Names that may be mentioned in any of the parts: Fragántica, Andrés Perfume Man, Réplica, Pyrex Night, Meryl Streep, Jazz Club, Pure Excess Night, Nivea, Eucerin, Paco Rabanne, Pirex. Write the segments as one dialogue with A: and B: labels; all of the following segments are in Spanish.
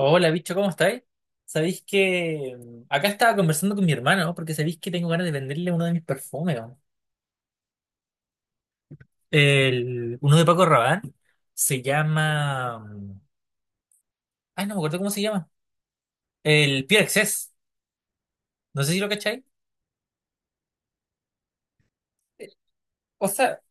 A: Hola, bicho, ¿cómo estáis? Sabéis que acá estaba conversando con mi hermano porque sabéis que tengo ganas de venderle uno de mis perfumes, ¿no? El, uno de Paco Rabanne se llama. Ay, no me acuerdo cómo se llama. El Pure Excess. No sé si lo cacháis. Eh, O sea,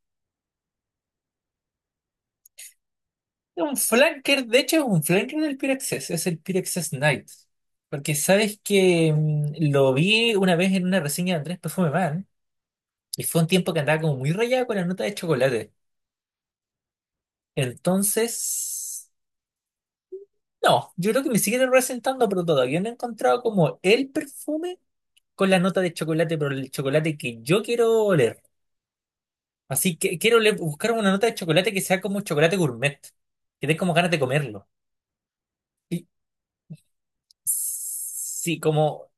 A: es un flanker, de hecho, es un flanker del Pure Excess. Es el Pure Excess Night. Porque sabes que lo vi una vez en una reseña de Andrés Perfume Man y fue un tiempo que andaba como muy rayado con la nota de chocolate. Entonces. No, yo creo que me sigue representando, pero todavía no he encontrado como el perfume con la nota de chocolate, pero el chocolate que yo quiero oler. Así que buscar una nota de chocolate que sea como chocolate gourmet, que dé como ganas de comerlo. Y sí, como,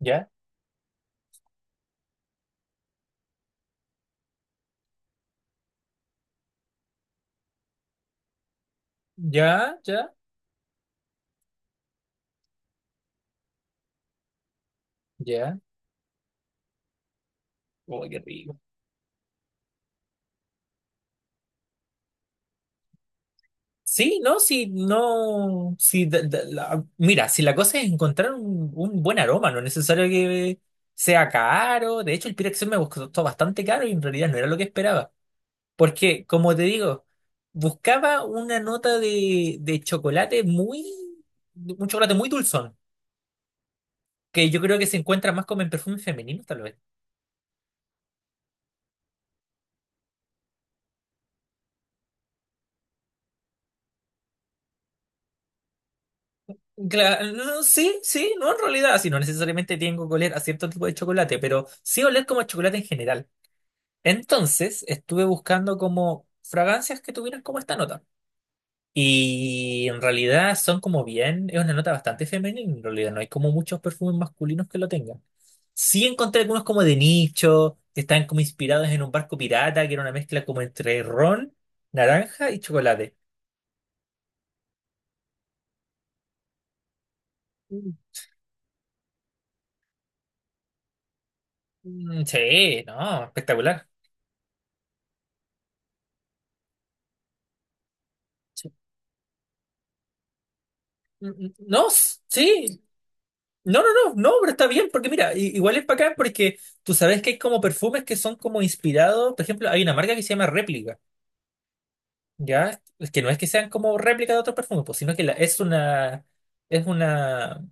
A: ya, ya, ya, ya. Uy, qué rico. Sí, no, sí, no, sí, mira, si la cosa es encontrar un buen aroma, no es necesario que sea caro. De hecho, el Pirex me costó bastante caro y en realidad no era lo que esperaba. Porque, como te digo, buscaba una nota de chocolate muy, un chocolate muy dulzón, que yo creo que se encuentra más como en perfumes femeninos, tal vez. Claro, no, sí, sí, no en realidad, si no necesariamente tengo que oler a cierto tipo de chocolate, pero sí oler como a chocolate en general. Entonces, estuve buscando como fragancias que tuvieran como esta nota. Y en realidad son como bien, es una nota bastante femenina, en realidad no hay como muchos perfumes masculinos que lo tengan. Sí encontré algunos como de nicho, que están como inspirados en un barco pirata, que era una mezcla como entre ron, naranja y chocolate. Mm. Mm, sí, no, espectacular. Sí. Mm, mm, no, sí, no, no, no, no, pero está bien, porque mira, igual es bacán porque tú sabes que hay como perfumes que son como inspirados, por ejemplo, hay una marca que se llama Réplica. Ya, es que no es que sean como réplica de otros perfumes, pues, sino que es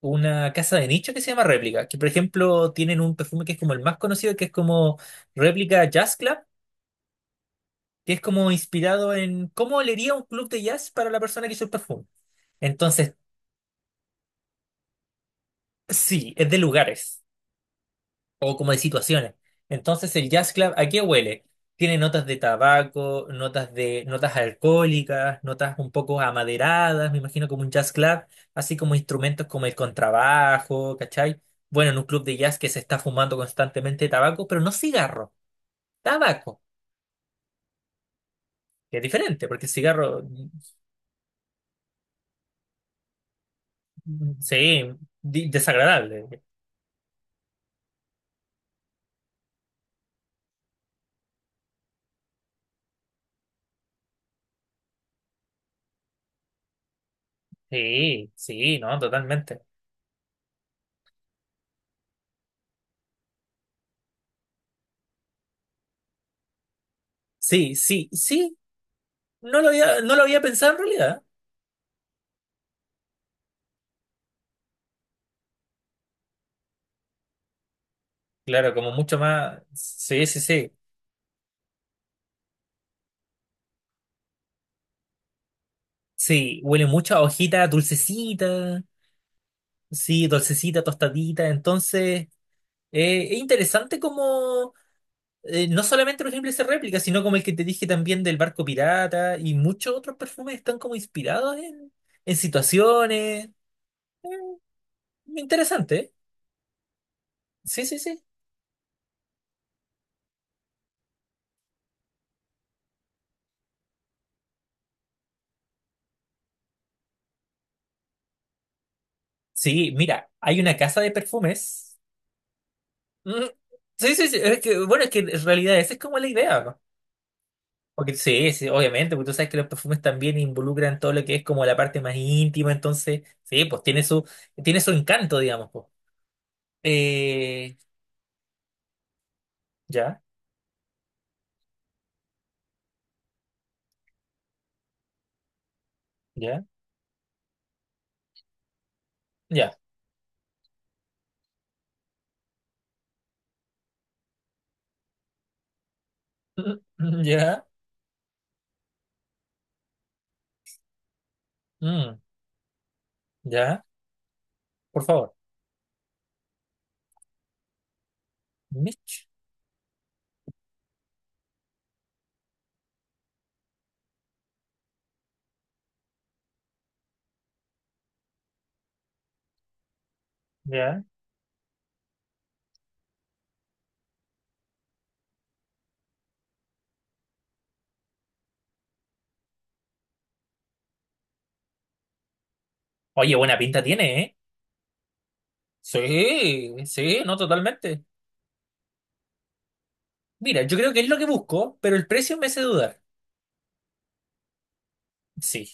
A: una casa de nicho que se llama réplica. Que por ejemplo tienen un perfume que es como el más conocido, que es como réplica Jazz Club, que es como inspirado en cómo olería un club de jazz para la persona que hizo el perfume. Entonces, sí, es de lugares, o como de situaciones. Entonces, el jazz club, ¿a qué huele? Tiene notas de tabaco, notas de notas alcohólicas, notas un poco amaderadas, me imagino como un jazz club, así como instrumentos como el contrabajo, ¿cachai? Bueno, en un club de jazz que se está fumando constantemente tabaco, pero no cigarro, tabaco, que es diferente, porque el cigarro, mm, sí, desagradable. Sí, sí, no, totalmente. Sí, sí, sí, no lo había, no lo había pensado en realidad. Claro, como mucho más. Sí, sí, sí. Sí, huele mucho a hojita dulcecita. Sí, dulcecita, tostadita. Entonces, es interesante como no solamente los ejemplos de réplica, sino como el que te dije también del barco pirata y muchos otros perfumes están como inspirados en situaciones. Interesante, ¿eh? Sí, sí, sí. Sí, mira, hay una casa de perfumes. Mm, sí, sí, sí. Es que, bueno, es que en realidad esa es como la idea. Porque, sí, sí, obviamente, porque tú sabes que los perfumes también involucran todo lo que es como la parte más íntima, entonces, sí, pues tiene su encanto, digamos, pues. Eh, ya, ya, ya, mm, mm, ya, por favor, Mitch, ya. Oye, buena pinta tiene, ¿eh? Sí, sí, no, totalmente. Mira, yo creo que es lo que busco, pero el precio me hace dudar. Sí,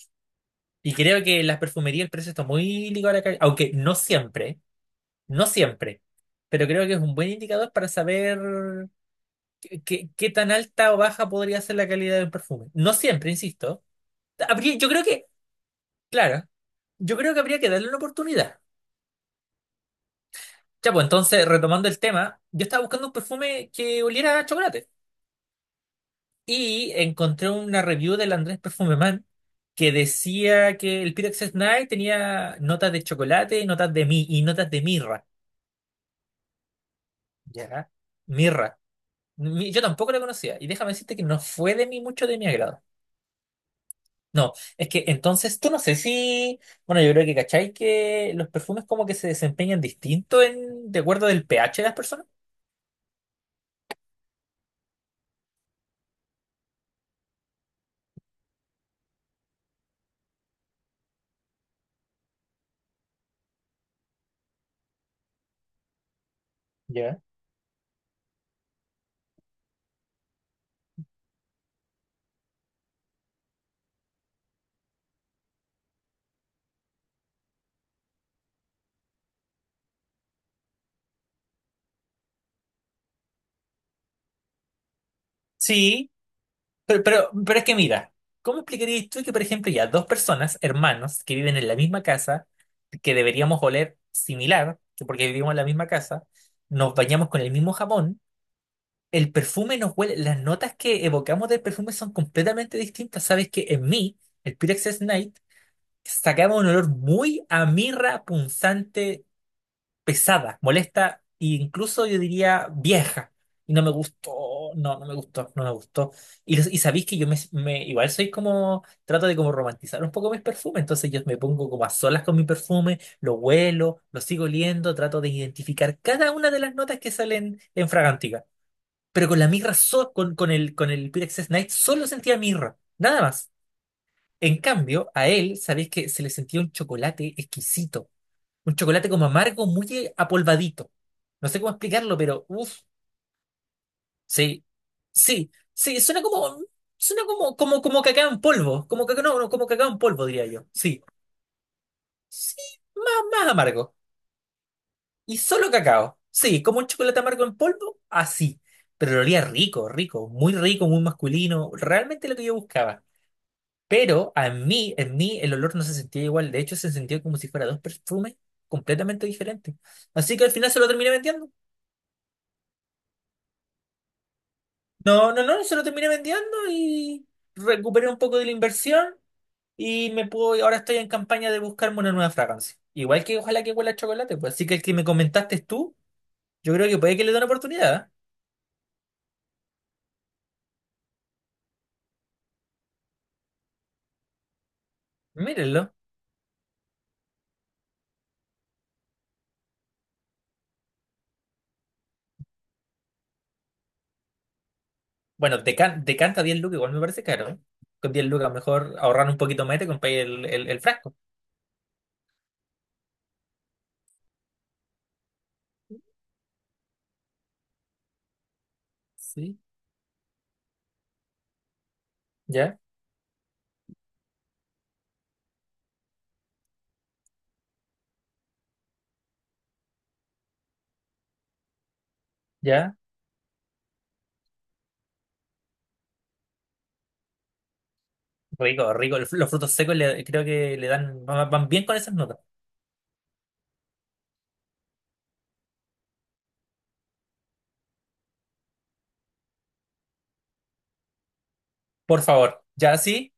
A: y creo que en las perfumerías el precio está muy ligado a la calidad, aunque no siempre. No siempre, pero creo que es un buen indicador para saber qué tan alta o baja podría ser la calidad del perfume. No siempre, insisto. Yo creo que, claro, yo creo que habría que darle una oportunidad. Ya, pues entonces, retomando el tema, yo estaba buscando un perfume que oliera a chocolate y encontré una review del Andrés Perfume Man que decía que el Pyrex Night tenía notas de chocolate, notas de mi y notas de mirra. ¿Ya? Mirra. Yo tampoco la conocía. Y déjame decirte que no fue de mí mucho de mi agrado. No, es que entonces tú no sé si. Bueno, yo creo que cachai que los perfumes como que se desempeñan distinto en, de acuerdo del pH de las personas. ¿Ya? Sí, pero es que mira, ¿cómo explicarías tú que, por ejemplo, ya dos personas, hermanos, que viven en la misma casa, que deberíamos oler similar, que porque vivimos en la misma casa, nos bañamos con el mismo jabón? El perfume nos huele, las notas que evocamos del perfume son completamente distintas. Sabes que en mí, el Pyrex Night, sacaba un olor muy a mirra punzante, pesada, molesta e incluso yo diría vieja. Y no me gustó, no, no me gustó, no me gustó. Y, y sabéis que igual soy como, trato de como romantizar un poco mis perfumes, entonces yo me pongo como a solas con mi perfume, lo huelo, lo sigo oliendo, trato de identificar cada una de las notas que salen en Fragántica, pero con la mirra, con el Pyrex Knight solo sentía mirra, nada más. En cambio, a él, sabéis que se le sentía un chocolate exquisito, un chocolate como amargo, muy apolvadito. No sé cómo explicarlo, pero uff, sí, sí, sí, suena como, como, como cacao en polvo, como cacao, no, no, como cacao en polvo, diría yo, sí, sí, más amargo, y solo cacao, sí, como un chocolate amargo en polvo, así. Pero lo olía rico, rico, muy masculino, realmente lo que yo buscaba. Pero a mí, en mí, el olor no se sentía igual. De hecho, se sentía como si fuera dos perfumes completamente diferentes. Así que al final se lo terminé vendiendo. No, no, no, se lo terminé vendiendo y recuperé un poco de la inversión y me puedo, ahora estoy en campaña de buscarme una nueva fragancia. Igual que ojalá que huela a chocolate, pues. Así que el que me comentaste tú, yo creo que puede que le dé una oportunidad, ¿eh? Mírenlo. Bueno, decanta 10 lucas, igual me parece caro, ¿eh? Con 10 lucas mejor ahorrar un poquito más y te compras el frasco. Sí. ¿Ya? ¿Ya? Rico, rico. Los frutos secos creo que le dan, van bien con esas notas. Por favor. Ya, sí,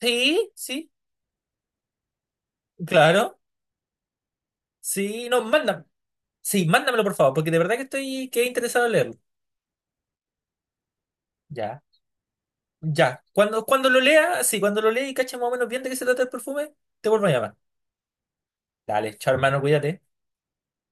A: sí, sí, claro. Sí, no, mándame. Sí, mándamelo, por favor, porque de verdad que estoy que he interesado en leerlo. Ya, ya. Cuando, cuando lo lea, sí, cuando lo lea y cache más o menos bien de qué se trata el perfume, te vuelvo a llamar. Dale, chao, hermano, cuídate.